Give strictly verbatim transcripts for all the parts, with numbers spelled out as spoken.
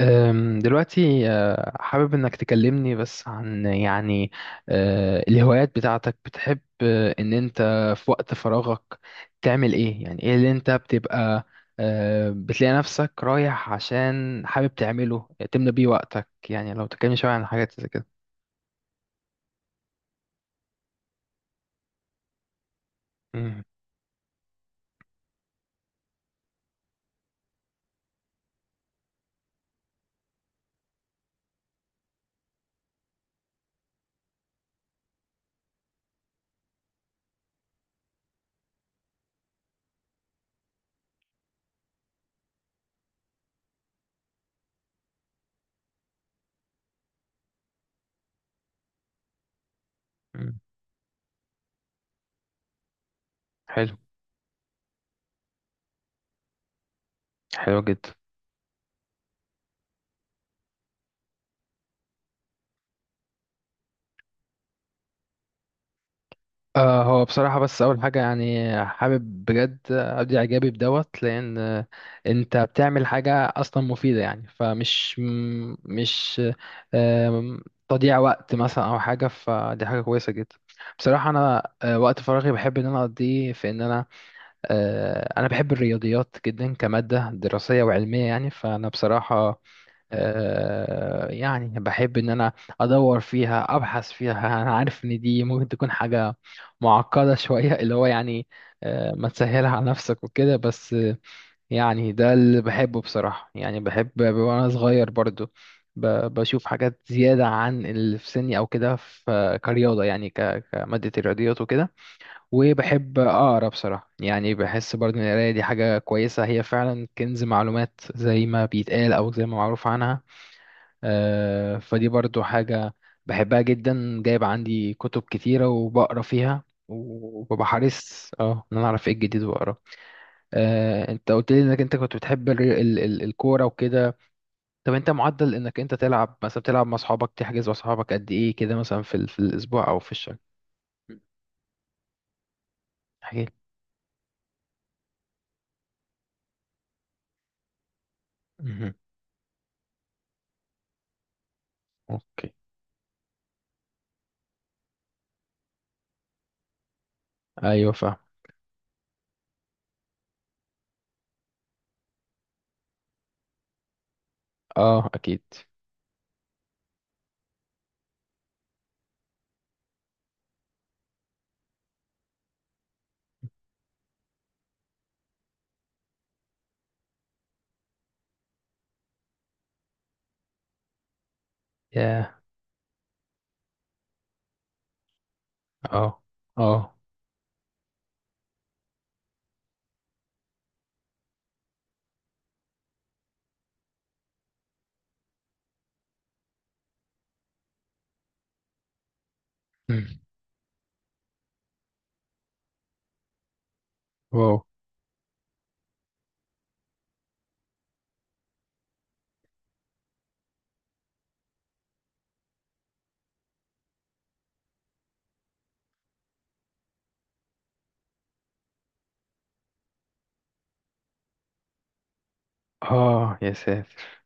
أم، دلوقتي أه، حابب إنك تكلمني بس عن يعني أه، الهوايات بتاعتك بتحب أه، إن أنت في وقت فراغك تعمل إيه، يعني إيه اللي أنت بتبقى أه، بتلاقي نفسك رايح عشان حابب تعمله تملى بيه وقتك، يعني لو تكلمني شوية عن حاجات زي كده. مم. مم. حلو. حلو جدا. آه هو بصراحة بس أول حاجة، يعني حابب بجد أبدي إعجابي بدوت، لأن آه، أنت بتعمل حاجة أصلا مفيدة يعني، فمش م- مش آم، تضييع وقت مثلا أو حاجة، فدي حاجة كويسة جدا بصراحة. أنا آه، وقت فراغي بحب إن أنا أقضيه في إن أنا آه، أنا بحب الرياضيات جدا كمادة دراسية وعلمية يعني، فأنا بصراحة آه، يعني بحب ان انا ادور فيها، ابحث فيها انا عارف ان دي ممكن تكون حاجة معقدة شوية اللي هو يعني آه، ما تسهلها على نفسك وكده، بس آه، يعني ده اللي بحبه بصراحة. يعني بحب وانا صغير برضو ب- بشوف حاجات زيادة عن اللي في سني او كده، في كرياضة يعني ك- كمادة الرياضيات وكده. وبحب اقرا بصراحة، يعني بحس برضو ان القراية دي حاجة كويسة، هي فعلا كنز معلومات زي ما بيتقال او زي ما معروف عنها. آه، فدي برضو حاجة بحبها جدا، جايب عندي كتب كتيرة وبقرا فيها، وببقى حريص اه ان انا اعرف ايه الجديد واقراه. آه، انت قلت لي انك انت كنت بتحب ال ال ال الكورة وكده. طب انت معدل انك انت تلعب، مثلا بتلعب مع اصحابك، تحجز مع اصحابك قد ايه كده مثلا في, ال- في الاسبوع او في الشهر؟ احكي لي. اوكي. ايوه فاهم. اه اكيد. ياه. اه اه. مم. واو. اه يا ساتر.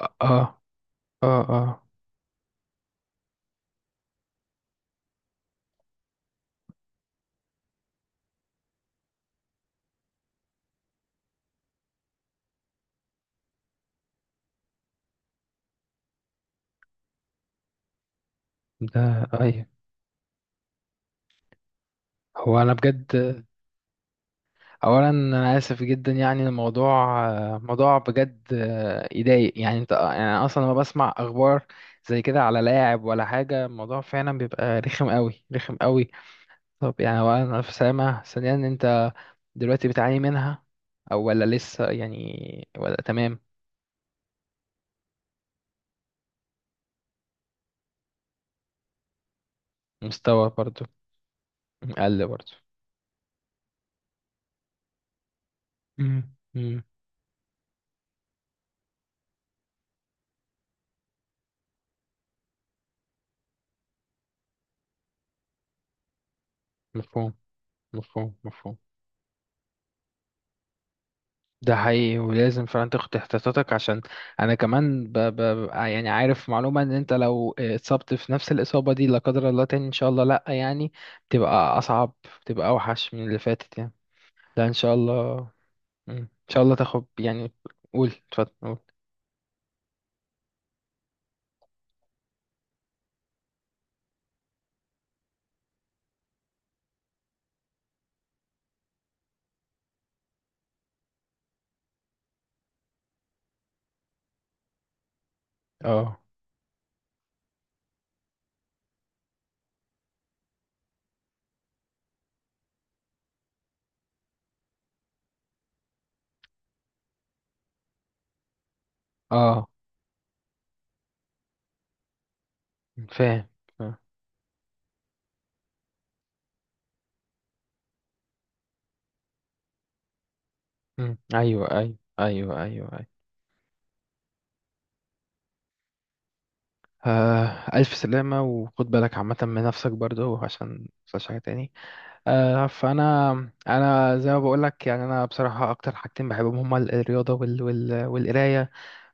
اه اه اه. ده. ايوه. هو انا بجد، اولا انا اسف جدا، يعني الموضوع موضوع بجد يضايق، يعني انت يعني، أنا اصلا لما بسمع اخبار زي كده على لاعب ولا حاجه، الموضوع فعلا بيبقى رخم قوي. رخم قوي. طب يعني اولا الف سلامه، ثانيا انت دلوقتي بتعاني منها او ولا لسه، يعني ولا تمام؟ مستوى برضو. قل برضو. مم. مم. مفهوم. مفهوم. مفهوم. ده حقيقي، ولازم فعلا تاخد احتياطاتك، عشان انا كمان ب... ب... يعني عارف معلومة ان انت لو اتصبت في نفس الإصابة دي لا قدر الله تاني ان شاء الله لا، يعني بتبقى اصعب، بتبقى اوحش من اللي فاتت يعني. لا ان شاء الله. مم. ان شاء الله تاخد يعني. قول اتفضل. قول. اه اه فاهم. فاهم. مم. ايوه ايوه ايوه ايوه ايوه. آه، ألف سلامة، وخد بالك عامة من نفسك برضه عشان متحصلش حاجة تاني. آه، فانا انا زي ما بقول لك، يعني انا بصراحه اكتر حاجتين بحبهم هما ال- الرياضه وال وال والقرايه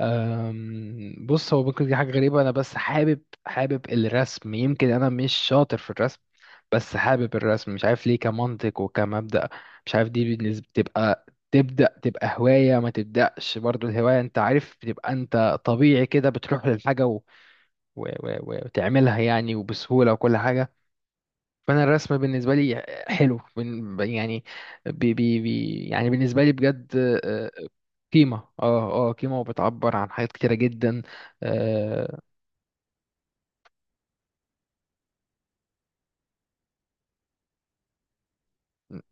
آم، بص هو ممكن دي حاجه غريبه، انا بس حابب حابب الرسم، يمكن انا مش شاطر في الرسم بس حابب الرسم، مش عارف ليه، كمنطق وكمبدأ. مش عارف دي بالنسبه تبقى، تبدأ تبقى هواية ما تبدأش برضو. الهواية انت عارف بتبقى، انت طبيعي كده بتروح للحاجة و... و... و... وتعملها، يعني وبسهولة وكل حاجة. فانا الرسم بالنسبه لي حلو، بن- يعني، بي بي بي يعني بالنسبه لي بجد آه، قيمه اه اه قيمه، وبتعبر عن حاجات كتيره جدا، اه.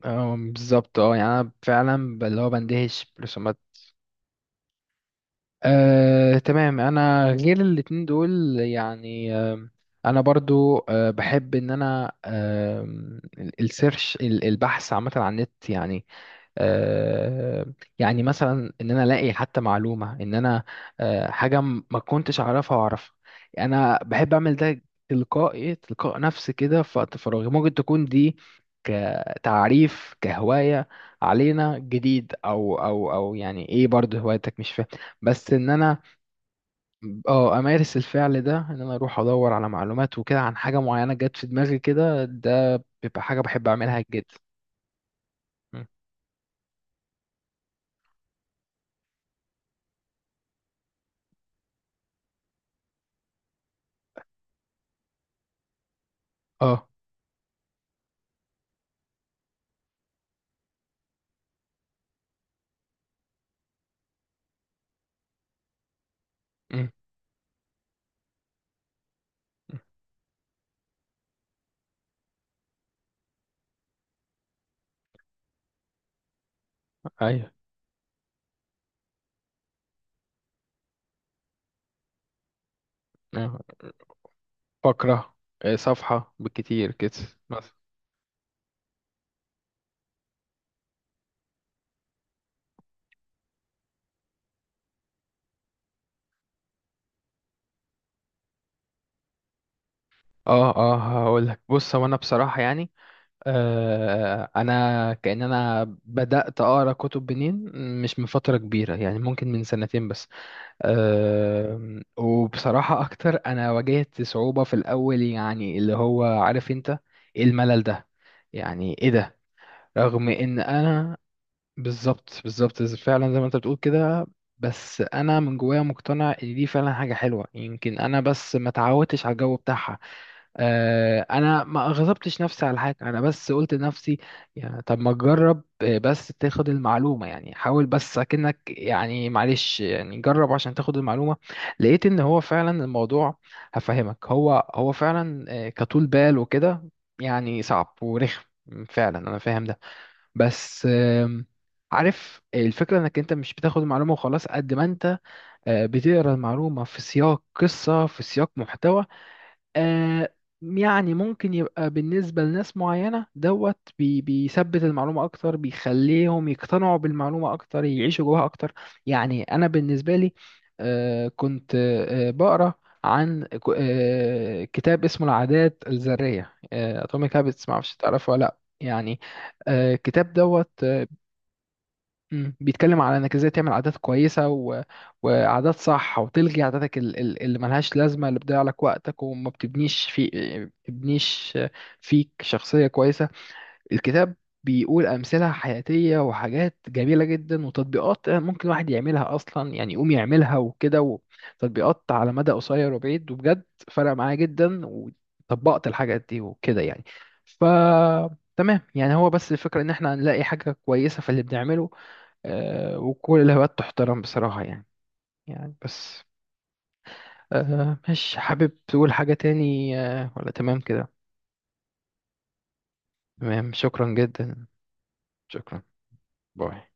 آه، بالظبط، اه يعني انا فعلا ب- اللي هو بندهش برسومات. آه تمام، انا غير الاتنين دول يعني. آه انا برضو آه بحب ان انا، آه ال- السيرش، ال- البحث عامه على النت يعني. آه، يعني مثلا ان انا الاقي حتى معلومه ان انا، آه، حاجه م- ما كنتش اعرفها واعرفها، انا بحب اعمل ده تلقائي تلقاء نفسي كده في وقت فراغي. ممكن تكون دي كتعريف كهوايه، علينا جديد او او او يعني ايه برضه هوايتك، مش فاهم بس ان انا اه امارس الفعل ده، ان انا اروح ادور على معلومات وكده عن حاجه معينه جت في دماغي كده. ده بيبقى حاجه بحب اعملها جدا. م. اه. م. ايوه. آه، فقرة، آه، صفحة بالكتير كده مثلا. اه اه، هقول لك، بص هو انا بصراحة يعني، آه انا كأن انا بدأت اقرا كتب منين؟ مش من فترة كبيرة يعني، ممكن من سنتين بس. آه وبصراحة اكتر، انا واجهت صعوبة في الاول، يعني اللي هو عارف انت إيه الملل ده، يعني ايه ده، رغم ان انا بالظبط بالظبط، ز- فعلا زي ما انت بتقول كده. بس انا من جوايا مقتنع ان دي فعلا حاجه حلوه، يمكن انا بس ما اتعودتش على الجو بتاعها. آه انا ما غضبتش نفسي على حاجه، انا بس قلت لنفسي يعني طب ما تجرب، آه، بس تاخد المعلومه يعني، حاول بس اكنك يعني، معلش يعني جرب عشان تاخد المعلومه. لقيت ان هو فعلا الموضوع، هفهمك، هو هو فعلا آه، كطول بال وكده يعني صعب ورخم، فعلا انا فاهم ده. بس آم، عارف الفكرة، انك انت مش بتاخد المعلومة وخلاص قد ما انت آه، بتقرا المعلومة في سياق قصة، في سياق محتوى. آه، يعني ممكن يبقى بالنسبة لناس معينة دوت بي- بيثبت المعلومة أكتر، بيخليهم يقتنعوا بالمعلومة أكتر، يعيشوا جواها أكتر. يعني أنا بالنسبة لي، آه، كنت آه، بقرأ عن ك- آه، كتاب اسمه العادات الذرية، آه، أتوميك هابتس، معرفش تعرفه ولا لأ يعني. آه، الكتاب دوت. مم. بيتكلم على انك ازاي تعمل عادات كويسه و... وعادات صح، وتلغي عاداتك ال- ال- اللي ملهاش لازمه، اللي بتضيع لك وقتك، وما بتبنيش في، بتبنيش فيك شخصيه كويسه. الكتاب بيقول امثله حياتيه، وحاجات جميله جدا، وتطبيقات ممكن الواحد يعملها اصلا يعني، يقوم يعملها وكده. وتطبيقات على مدى قصير وبعيد، وبجد فرق معايا جدا، وطبقت الحاجات دي وكده يعني. ف تمام يعني، هو بس الفكرة ان احنا نلاقي حاجة كويسة في اللي بنعمله. آه، وكل الهوايات تحترم بصراحة يعني. يعني بس آه، مش حابب تقول حاجة تاني، آه، ولا تمام كده؟ تمام، شكرا جدا. شكرا. باي.